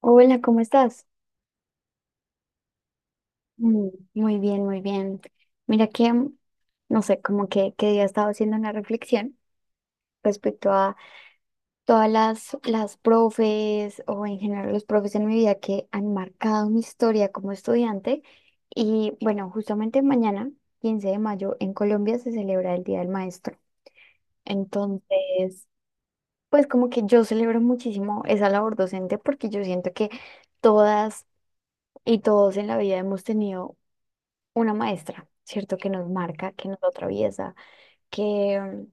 Hola, ¿cómo estás? Mm, muy bien, muy bien. Mira que, no sé, como que día he estado haciendo una reflexión respecto a todas las profes o en general los profes en mi vida que han marcado mi historia como estudiante. Y bueno, justamente mañana, 15 de mayo, en Colombia se celebra el Día del Maestro. Entonces, pues como que yo celebro muchísimo esa labor docente porque yo siento que todas y todos en la vida hemos tenido una maestra, ¿cierto? Que nos marca, que nos atraviesa, que mm,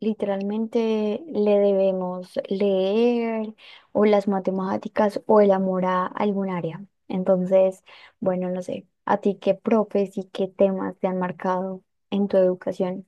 literalmente le debemos leer o las matemáticas o el amor a algún área. Entonces, bueno, no sé, a ti qué profes y qué temas te han marcado en tu educación.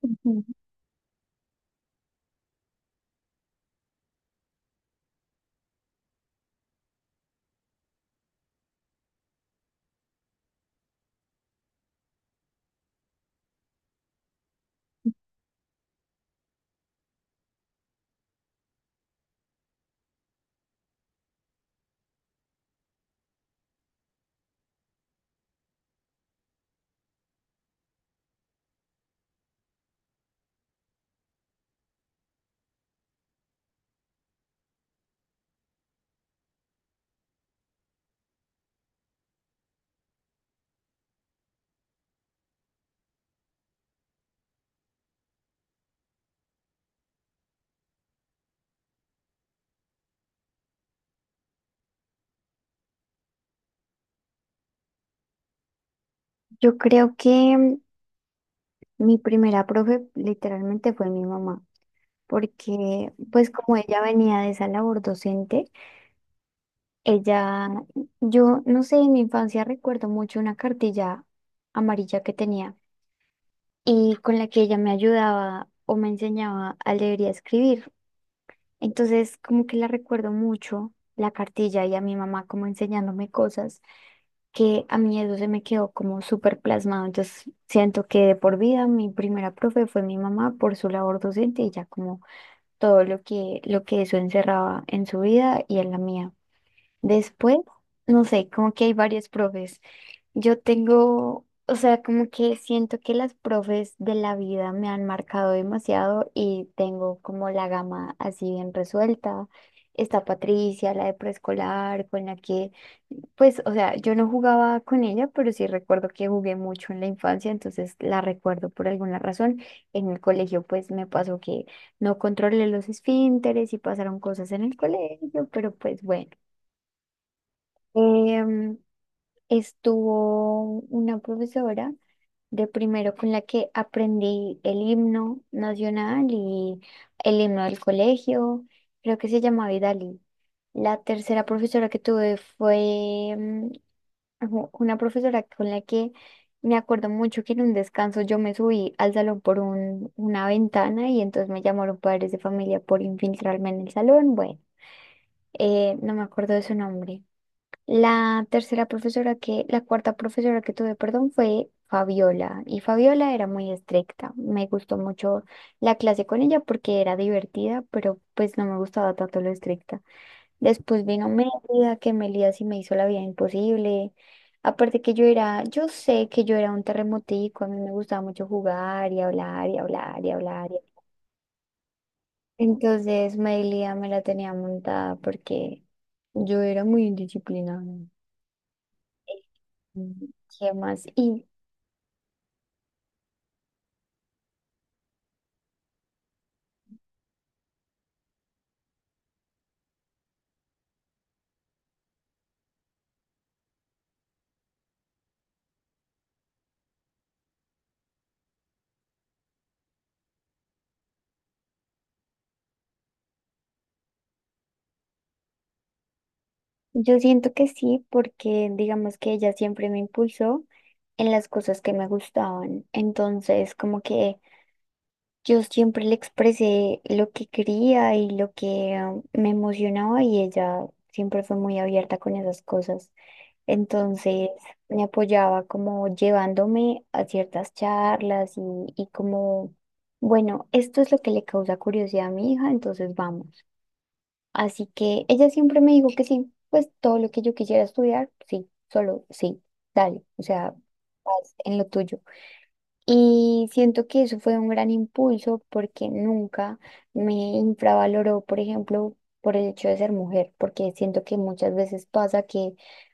Ujú. Yo creo que mi primera profe literalmente fue mi mamá, porque pues como ella venía de esa labor docente, ella, yo no sé, en mi infancia recuerdo mucho una cartilla amarilla que tenía y con la que ella me ayudaba o me enseñaba a leer y a escribir. Entonces, como que la recuerdo mucho, la cartilla y a mi mamá como enseñándome cosas que a mí eso se me quedó como súper plasmado. Entonces, siento que de por vida mi primera profe fue mi mamá por su labor docente y ya como todo lo que eso encerraba en su vida y en la mía. Después, no sé, como que hay varios profes. Yo tengo, o sea, como que siento que las profes de la vida me han marcado demasiado y tengo como la gama así bien resuelta. Está Patricia, la de preescolar, con la que, pues, o sea, yo no jugaba con ella, pero sí recuerdo que jugué mucho en la infancia, entonces la recuerdo por alguna razón. En el colegio, pues, me pasó que no controlé los esfínteres y pasaron cosas en el colegio, pero pues bueno. Em, estuvo una profesora de primero con la que aprendí el himno nacional y el himno del colegio, creo que se llamaba Vidalí. La tercera profesora que tuve fue una profesora con la que me acuerdo mucho que en un descanso yo me subí al salón por una ventana y entonces me llamaron padres de familia por infiltrarme en el salón. Bueno, no me acuerdo de su nombre. La cuarta profesora que tuve, perdón, fue Fabiola. Y Fabiola era muy estricta. Me gustó mucho la clase con ella porque era divertida, pero pues no me gustaba tanto lo estricta. Después vino Mélida, que Mélida sí me hizo la vida imposible. Aparte que yo era, yo sé que yo era un terremotico, a mí me gustaba mucho jugar y hablar y hablar y hablar. Entonces Mélida me la tenía montada porque yo era muy indisciplinada. Mm, ¿Qué más? Y yo siento que sí, porque digamos que ella siempre me impulsó en las cosas que me gustaban. Entonces, como que yo siempre le expresé lo que quería y lo que me emocionaba y ella siempre fue muy abierta con esas cosas. Entonces, me apoyaba como llevándome a ciertas charlas y como, bueno, esto es lo que le causa curiosidad a mi hija, entonces vamos. Así que ella siempre me dijo que sí, pues todo lo que yo quisiera estudiar, sí, solo sí, dale, o sea, haz en lo tuyo. Y siento que eso fue un gran impulso porque nunca me infravaloró, por ejemplo, por el hecho de ser mujer, porque siento que muchas veces pasa que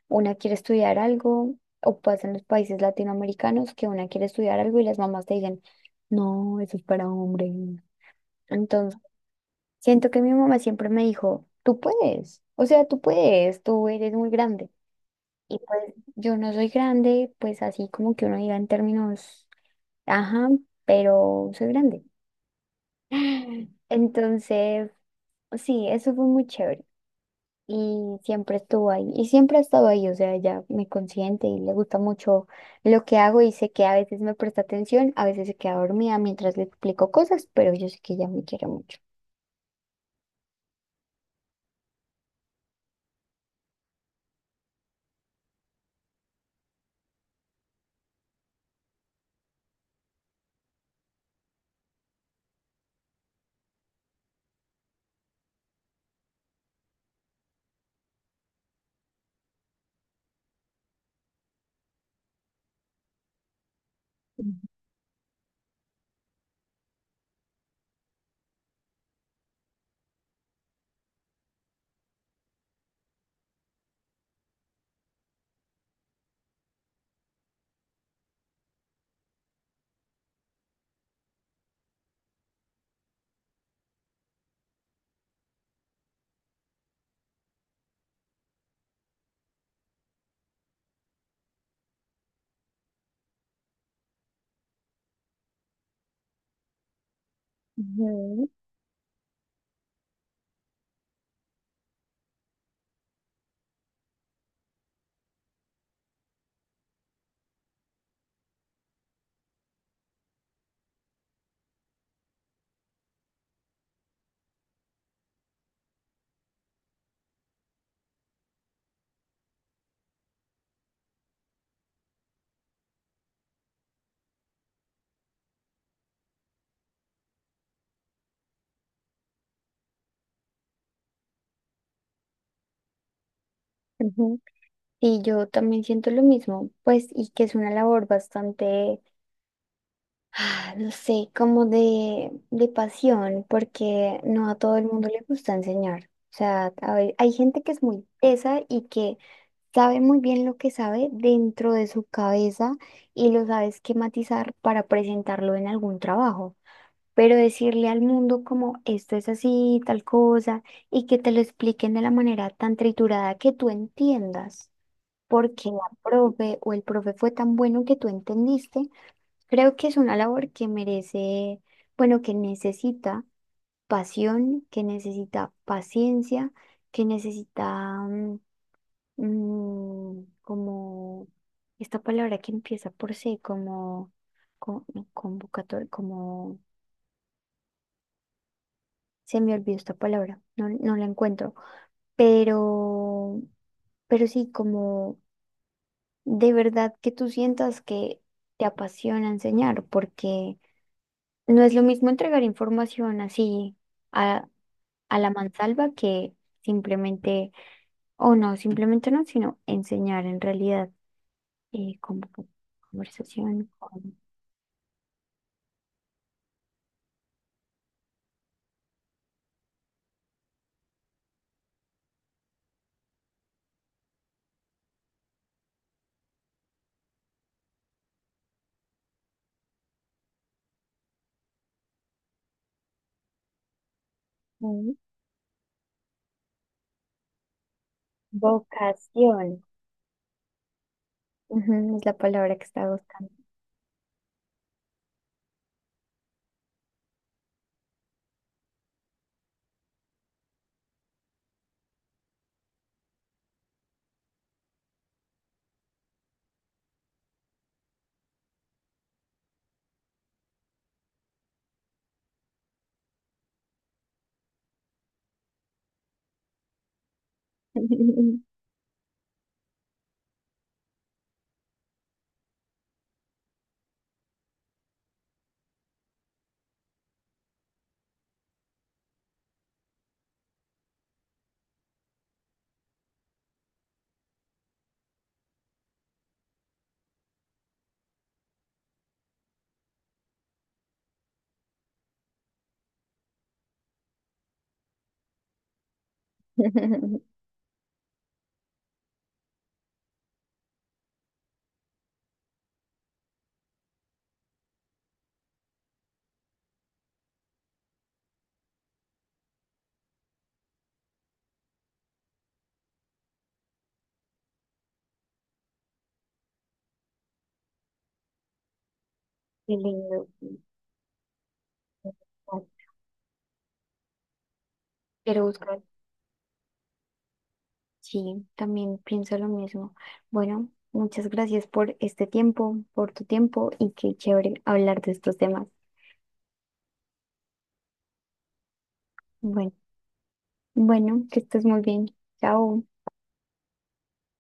una quiere estudiar algo, o pasa en los países latinoamericanos que una quiere estudiar algo y las mamás te dicen, no, eso es para hombres. Siento que mi mamá siempre me dijo, tú puedes, o sea, tú puedes, tú eres muy grande. Y pues yo no soy grande, pues así como que uno diga en términos, ajá, pero soy grande. Entonces, sí, eso fue muy chévere. Y siempre estuvo ahí, y siempre ha estado ahí, o sea, ella me consiente y le gusta mucho lo que hago y sé que a veces me presta atención, a veces se queda dormida mientras le explico cosas, pero yo sé que ella me quiere mucho. Ujú, ujú. Y yo también siento lo mismo, pues, y que es una labor bastante, ah, no sé, como de pasión, porque no a todo el mundo le gusta enseñar. O sea, hay gente que es muy tesa y que sabe muy bien lo que sabe dentro de su cabeza y lo sabe esquematizar para presentarlo en algún trabajo. Pero decirle al mundo como esto es así, tal cosa, y que te lo expliquen de la manera tan triturada que tú entiendas porque la profe o el profe fue tan bueno que tú entendiste. Creo que es una labor que merece, bueno, que necesita pasión, que necesita paciencia, que necesita como esta palabra que empieza por C, como, no, convocatoria, como se me olvidó esta palabra, no, no la encuentro, pero, pero sí, como de verdad que tú sientas que te apasiona enseñar, porque no es lo mismo entregar información así a, a la mansalva que simplemente, o no, simplemente no, sino enseñar en realidad como con conversación, con mm, vocación. Ujú, es la palabra que estaba buscando. Qué lindo. Pero buscar. Sí, también pienso lo mismo. Bueno, muchas gracias por este tiempo, por tu tiempo y qué chévere hablar de estos temas. Bueno, bueno, que estés muy bien. Chao.